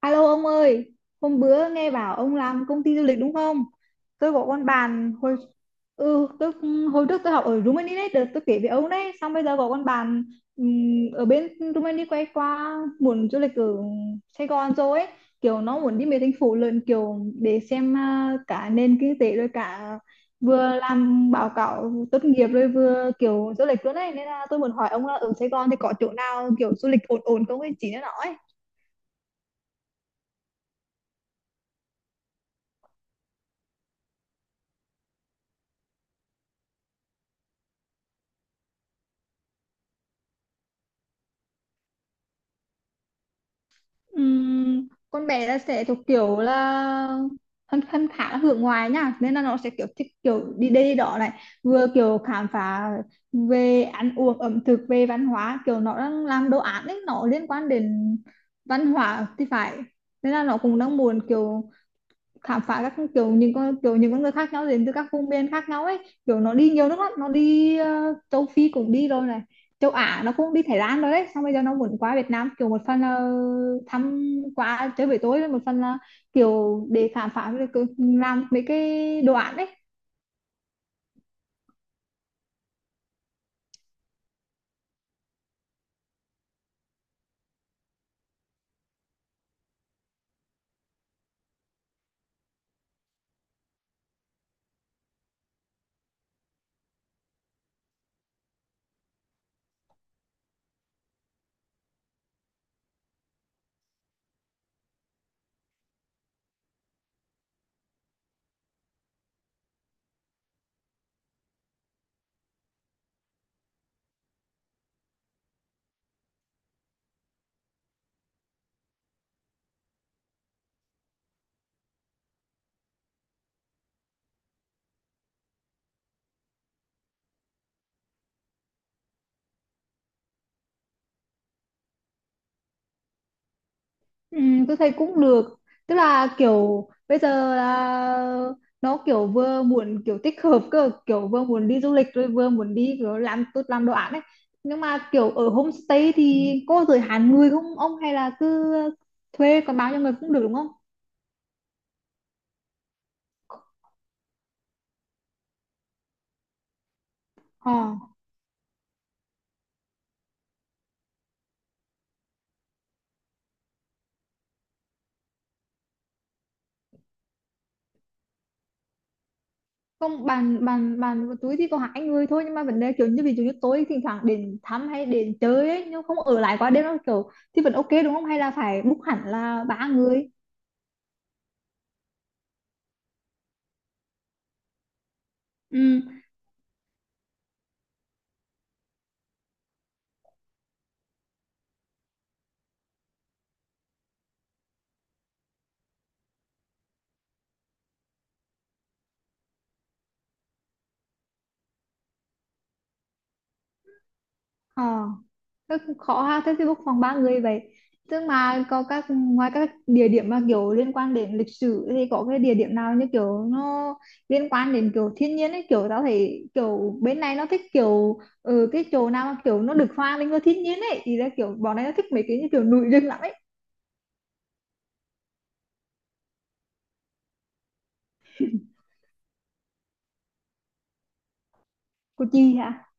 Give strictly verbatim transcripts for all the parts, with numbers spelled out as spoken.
Alo ông ơi, hôm bữa nghe bảo ông làm công ty du lịch đúng không? Tôi có con bạn hồi ừ, tôi hồi trước tôi học ở Rumani đấy, đợt tôi kể với ông đấy, xong bây giờ có con bạn ừm, ở bên Rumani quay qua muốn du lịch ở Sài Gòn rồi ấy, kiểu nó muốn đi mấy thành phố lớn kiểu để xem à, cả nền kinh tế rồi cả vừa làm báo cáo tốt nghiệp rồi vừa kiểu du lịch luôn đấy, nên là tôi muốn hỏi ông là ở Sài Gòn thì có chỗ nào kiểu du lịch ổn ổn không ấy chỉ cho nó ấy. Ừm, con bé là sẽ thuộc kiểu là thân thân khá là hướng ngoại nha, nên là nó sẽ kiểu thích kiểu đi đây đi đó này, vừa kiểu khám phá về ăn uống ẩm thực về văn hóa, kiểu nó đang làm đồ án ấy, nó liên quan đến văn hóa thì phải, nên là nó cũng đang muốn kiểu khám phá các kiểu những con kiểu những con người khác nhau đến từ các vùng miền khác nhau ấy, kiểu nó đi nhiều nước lắm, nó đi ờ, châu Phi cũng đi rồi này, châu Á nó cũng đi Thái Lan rồi đấy, xong bây giờ nó muốn qua Việt Nam kiểu một phần là thăm qua chơi với tôi, một phần là kiểu để khám phá được cái- làm mấy cái đồ án đấy. Ừ, tôi thấy cũng được, tức là kiểu bây giờ là nó kiểu vừa muốn kiểu tích hợp cơ, kiểu vừa muốn đi du lịch rồi vừa muốn đi kiểu làm tốt làm đồ án ấy, nhưng mà kiểu ở homestay thì có giới hạn người không ông, hay là cứ thuê còn bao nhiêu người cũng được đúng không? Ờ không bàn bàn bàn với túi thì có hai người thôi, nhưng mà vấn đề kiểu như ví dụ như tối thỉnh thoảng đến thăm hay đến chơi ấy nhưng không ở lại quá đêm nó kiểu thì vẫn ok đúng không, hay là phải book hẳn là ba người? Ừ. ờ Rất khó ha, thế thì book phòng ba người vậy. Tức mà có các, ngoài các địa điểm mà kiểu liên quan đến lịch sử thì có cái địa điểm nào như kiểu nó liên quan đến kiểu thiên nhiên ấy, kiểu tao thấy kiểu bên này nó thích kiểu ừ, cái chỗ nào mà kiểu nó được hòa mình với thiên nhiên ấy, thì là kiểu bọn này nó thích mấy cái như kiểu núi rừng lắm ấy. Của chị hả?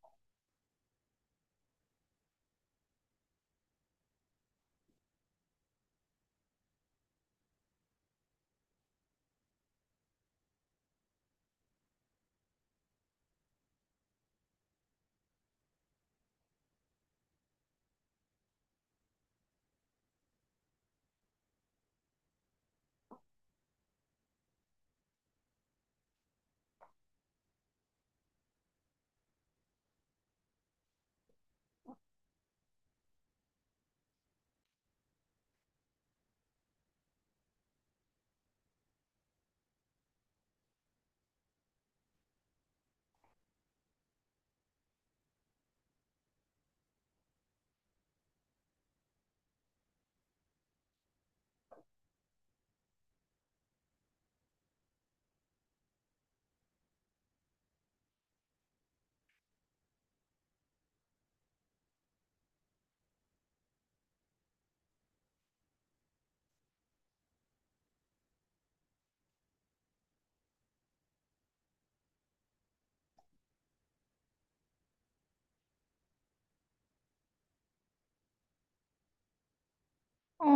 Ồ.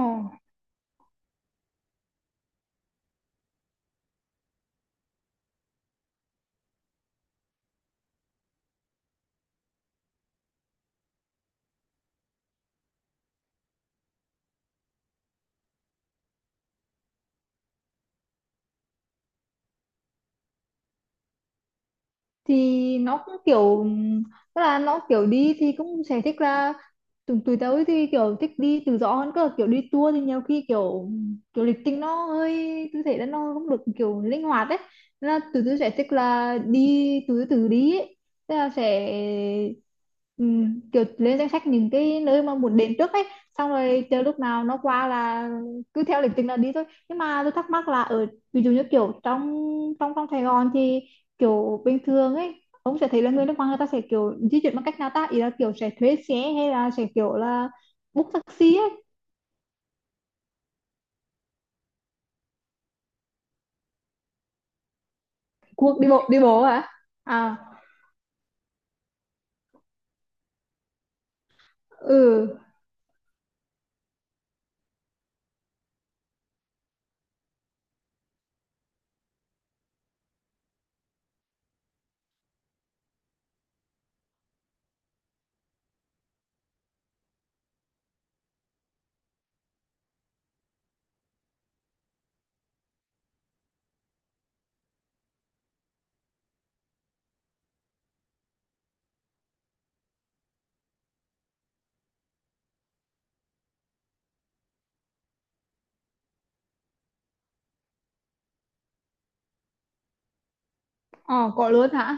Thì nó cũng kiểu, tức là nó kiểu đi thì cũng sẽ thích là tụi tụi tớ thì kiểu thích đi tự do hơn cơ, kiểu đi tour thì nhiều khi kiểu kiểu lịch trình nó hơi, tôi thấy là nó không được kiểu linh hoạt ấy. Nên là tụi tôi sẽ thích là đi tụi tôi tự đi ấy. Tức là sẽ ừm, kiểu lên danh sách những cái nơi mà muốn đến trước ấy, xong rồi chờ lúc nào nó qua là cứ theo lịch trình là đi thôi. Nhưng mà tôi thắc mắc là ở, ví dụ như kiểu trong trong trong Sài Gòn thì kiểu bình thường ấy ông sẽ thấy là người nước ngoài người ta sẽ kiểu di chuyển bằng cách nào ta, ý là kiểu sẽ thuê xe hay là sẽ kiểu là book taxi ấy? Cuộc đi bộ đi bộ hả? À. Ừ. Ờ. Có luôn hả?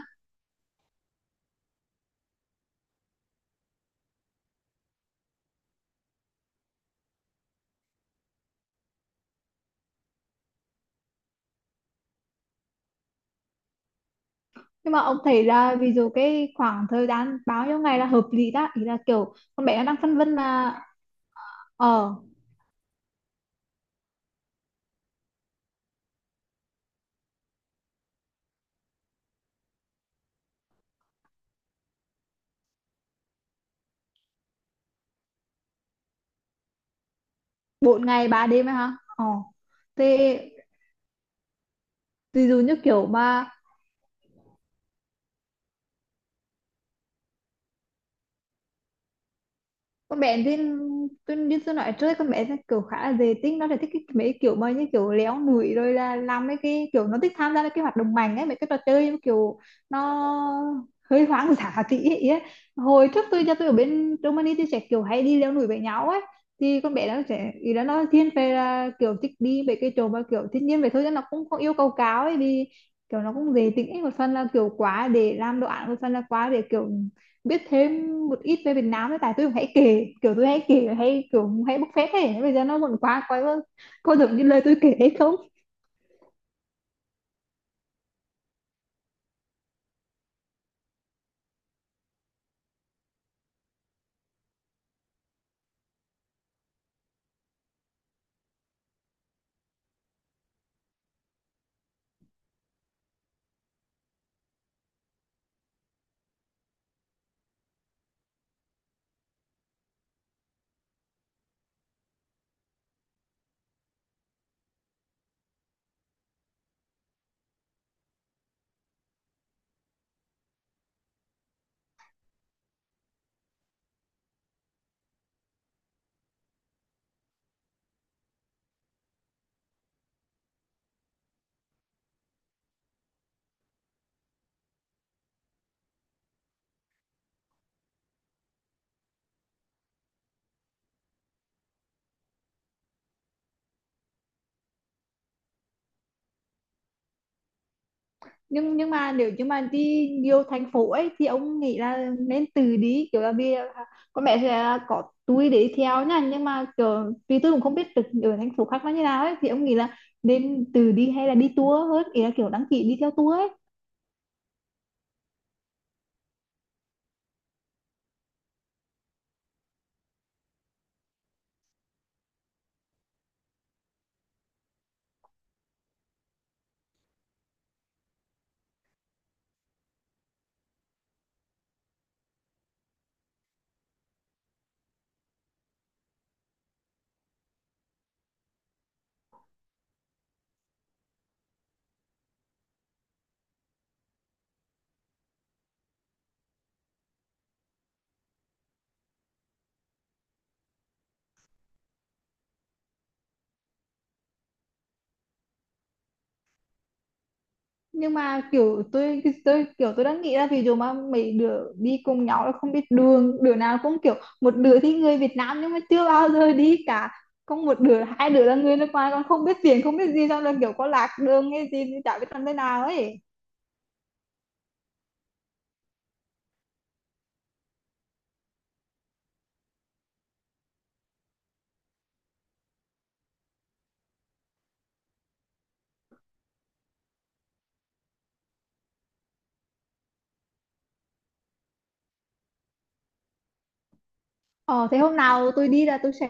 Nhưng mà ông thấy là ví dụ cái khoảng thời gian bao nhiêu ngày là hợp lý ta, ý là kiểu con bé nó đang phân vân là. Ờ. Bốn ngày ba đêm ấy hả? Ờ. Thế ví dụ như kiểu mà con bé Duyên, tôi Duyên tôi nói trước, con bé nó kiểu khá là dễ tính, nó là thích cái, mấy cái kiểu mà như kiểu léo nụi, rồi là làm mấy cái kiểu nó thích tham gia mấy cái hoạt động mạnh ấy, mấy cái trò chơi kiểu nó hơi hoang dã tí ấy. Ấy. Hồi trước tôi cho tôi ở bên Germany tôi sẽ kiểu hay đi leo núi với nhau ấy, thì con bé nó sẽ, ý là nó thiên về là kiểu thích đi về cái chỗ mà kiểu thiên nhiên vậy thôi chứ nó cũng không yêu cầu cao ấy, vì kiểu nó cũng dễ tính ấy, một phần là kiểu quá để làm đồ án, một phần là quá để kiểu biết thêm một ít về Việt Nam, với tại tôi hãy kể kiểu tôi hãy kể hay kiểu hãy bốc phét, thế bây giờ nó vẫn quá quá có được như lời tôi kể hay không. Nhưng nhưng mà nếu như mà đi nhiều thành phố ấy thì ông nghĩ là nên từ đi kiểu, là vì con bé sẽ có túi để theo nha, nhưng mà kiểu vì tôi cũng không biết được ở thành phố khác nó như nào ấy, thì ông nghĩ là nên từ đi hay là đi tour hơn, ý là kiểu đăng ký đi theo tour ấy? Nhưng mà kiểu tôi tôi kiểu tôi đang nghĩ là ví dụ mà mấy đứa đi cùng nhau là không biết đường, đứa nào cũng kiểu, một đứa thì người Việt Nam nhưng mà chưa bao giờ đi cả, không một đứa hai đứa là người nước ngoài còn không biết tiền không biết gì, xong rồi kiểu có lạc đường hay gì thì chả biết làm thế nào ấy. Ờ, thế hôm nào tôi đi là tôi sẽ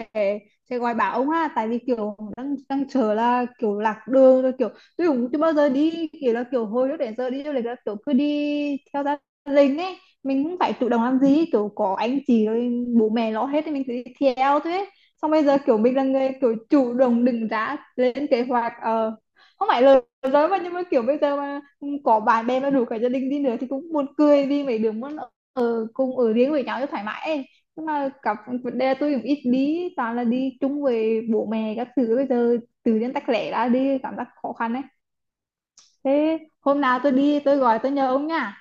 sẽ gọi bảo ông ha, tại vì kiểu đang đang chờ là kiểu lạc đường rồi kiểu, tôi cũng chưa bao giờ đi kiểu, là kiểu hồi lúc đến giờ đi du lịch là kiểu cứ đi theo gia đình ấy, mình cũng phải chủ động làm gì, kiểu có anh chị rồi bố mẹ lo hết thì mình cứ đi theo thôi ấy. Xong bây giờ kiểu mình là người kiểu chủ động định ra lên kế hoạch, ờ không phải lời nói mà, nhưng mà kiểu bây giờ mà có bạn bè mà rủ cả gia đình đi nữa thì cũng buồn cười, đi mấy đứa muốn ở cùng ở riêng với nhau cho thoải mái ấy, nhưng mà cặp vấn đề là tôi cũng ít đi, toàn là đi chung với bố mẹ các thứ, bây giờ tự nhiên tách lẻ ra đi cảm giác khó khăn ấy. Thế hôm nào tôi đi tôi gọi tôi nhờ ông nha.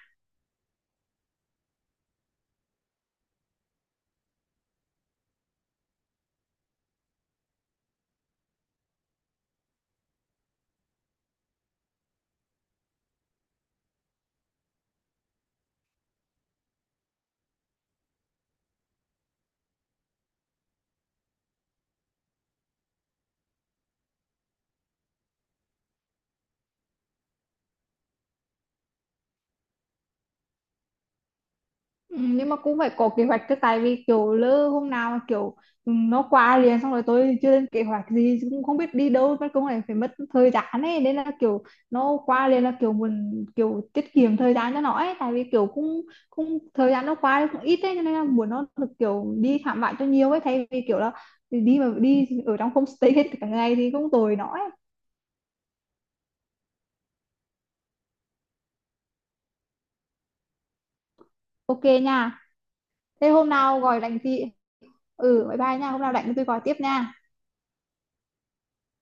Ừ, nhưng mà cũng phải có kế hoạch chứ, tại vì kiểu lỡ hôm nào mà kiểu nó qua liền xong rồi tôi chưa lên kế hoạch gì cũng không biết đi đâu mất, cũng lại phải mất thời gian ấy, nên là kiểu nó qua liền là kiểu mình kiểu tiết kiệm thời gian cho nó ấy, tại vì kiểu cũng cũng thời gian nó qua thì cũng ít ấy, cho nên là muốn nó được kiểu đi khám phá cho nhiều ấy, thay vì kiểu là đi mà đi ở trong homestay hết cả ngày thì cũng tồi nó ấy. Ok nha. Thế hôm nào gọi đánh chị, ừ, bye bye nha, hôm nào đánh tôi gọi tiếp nha.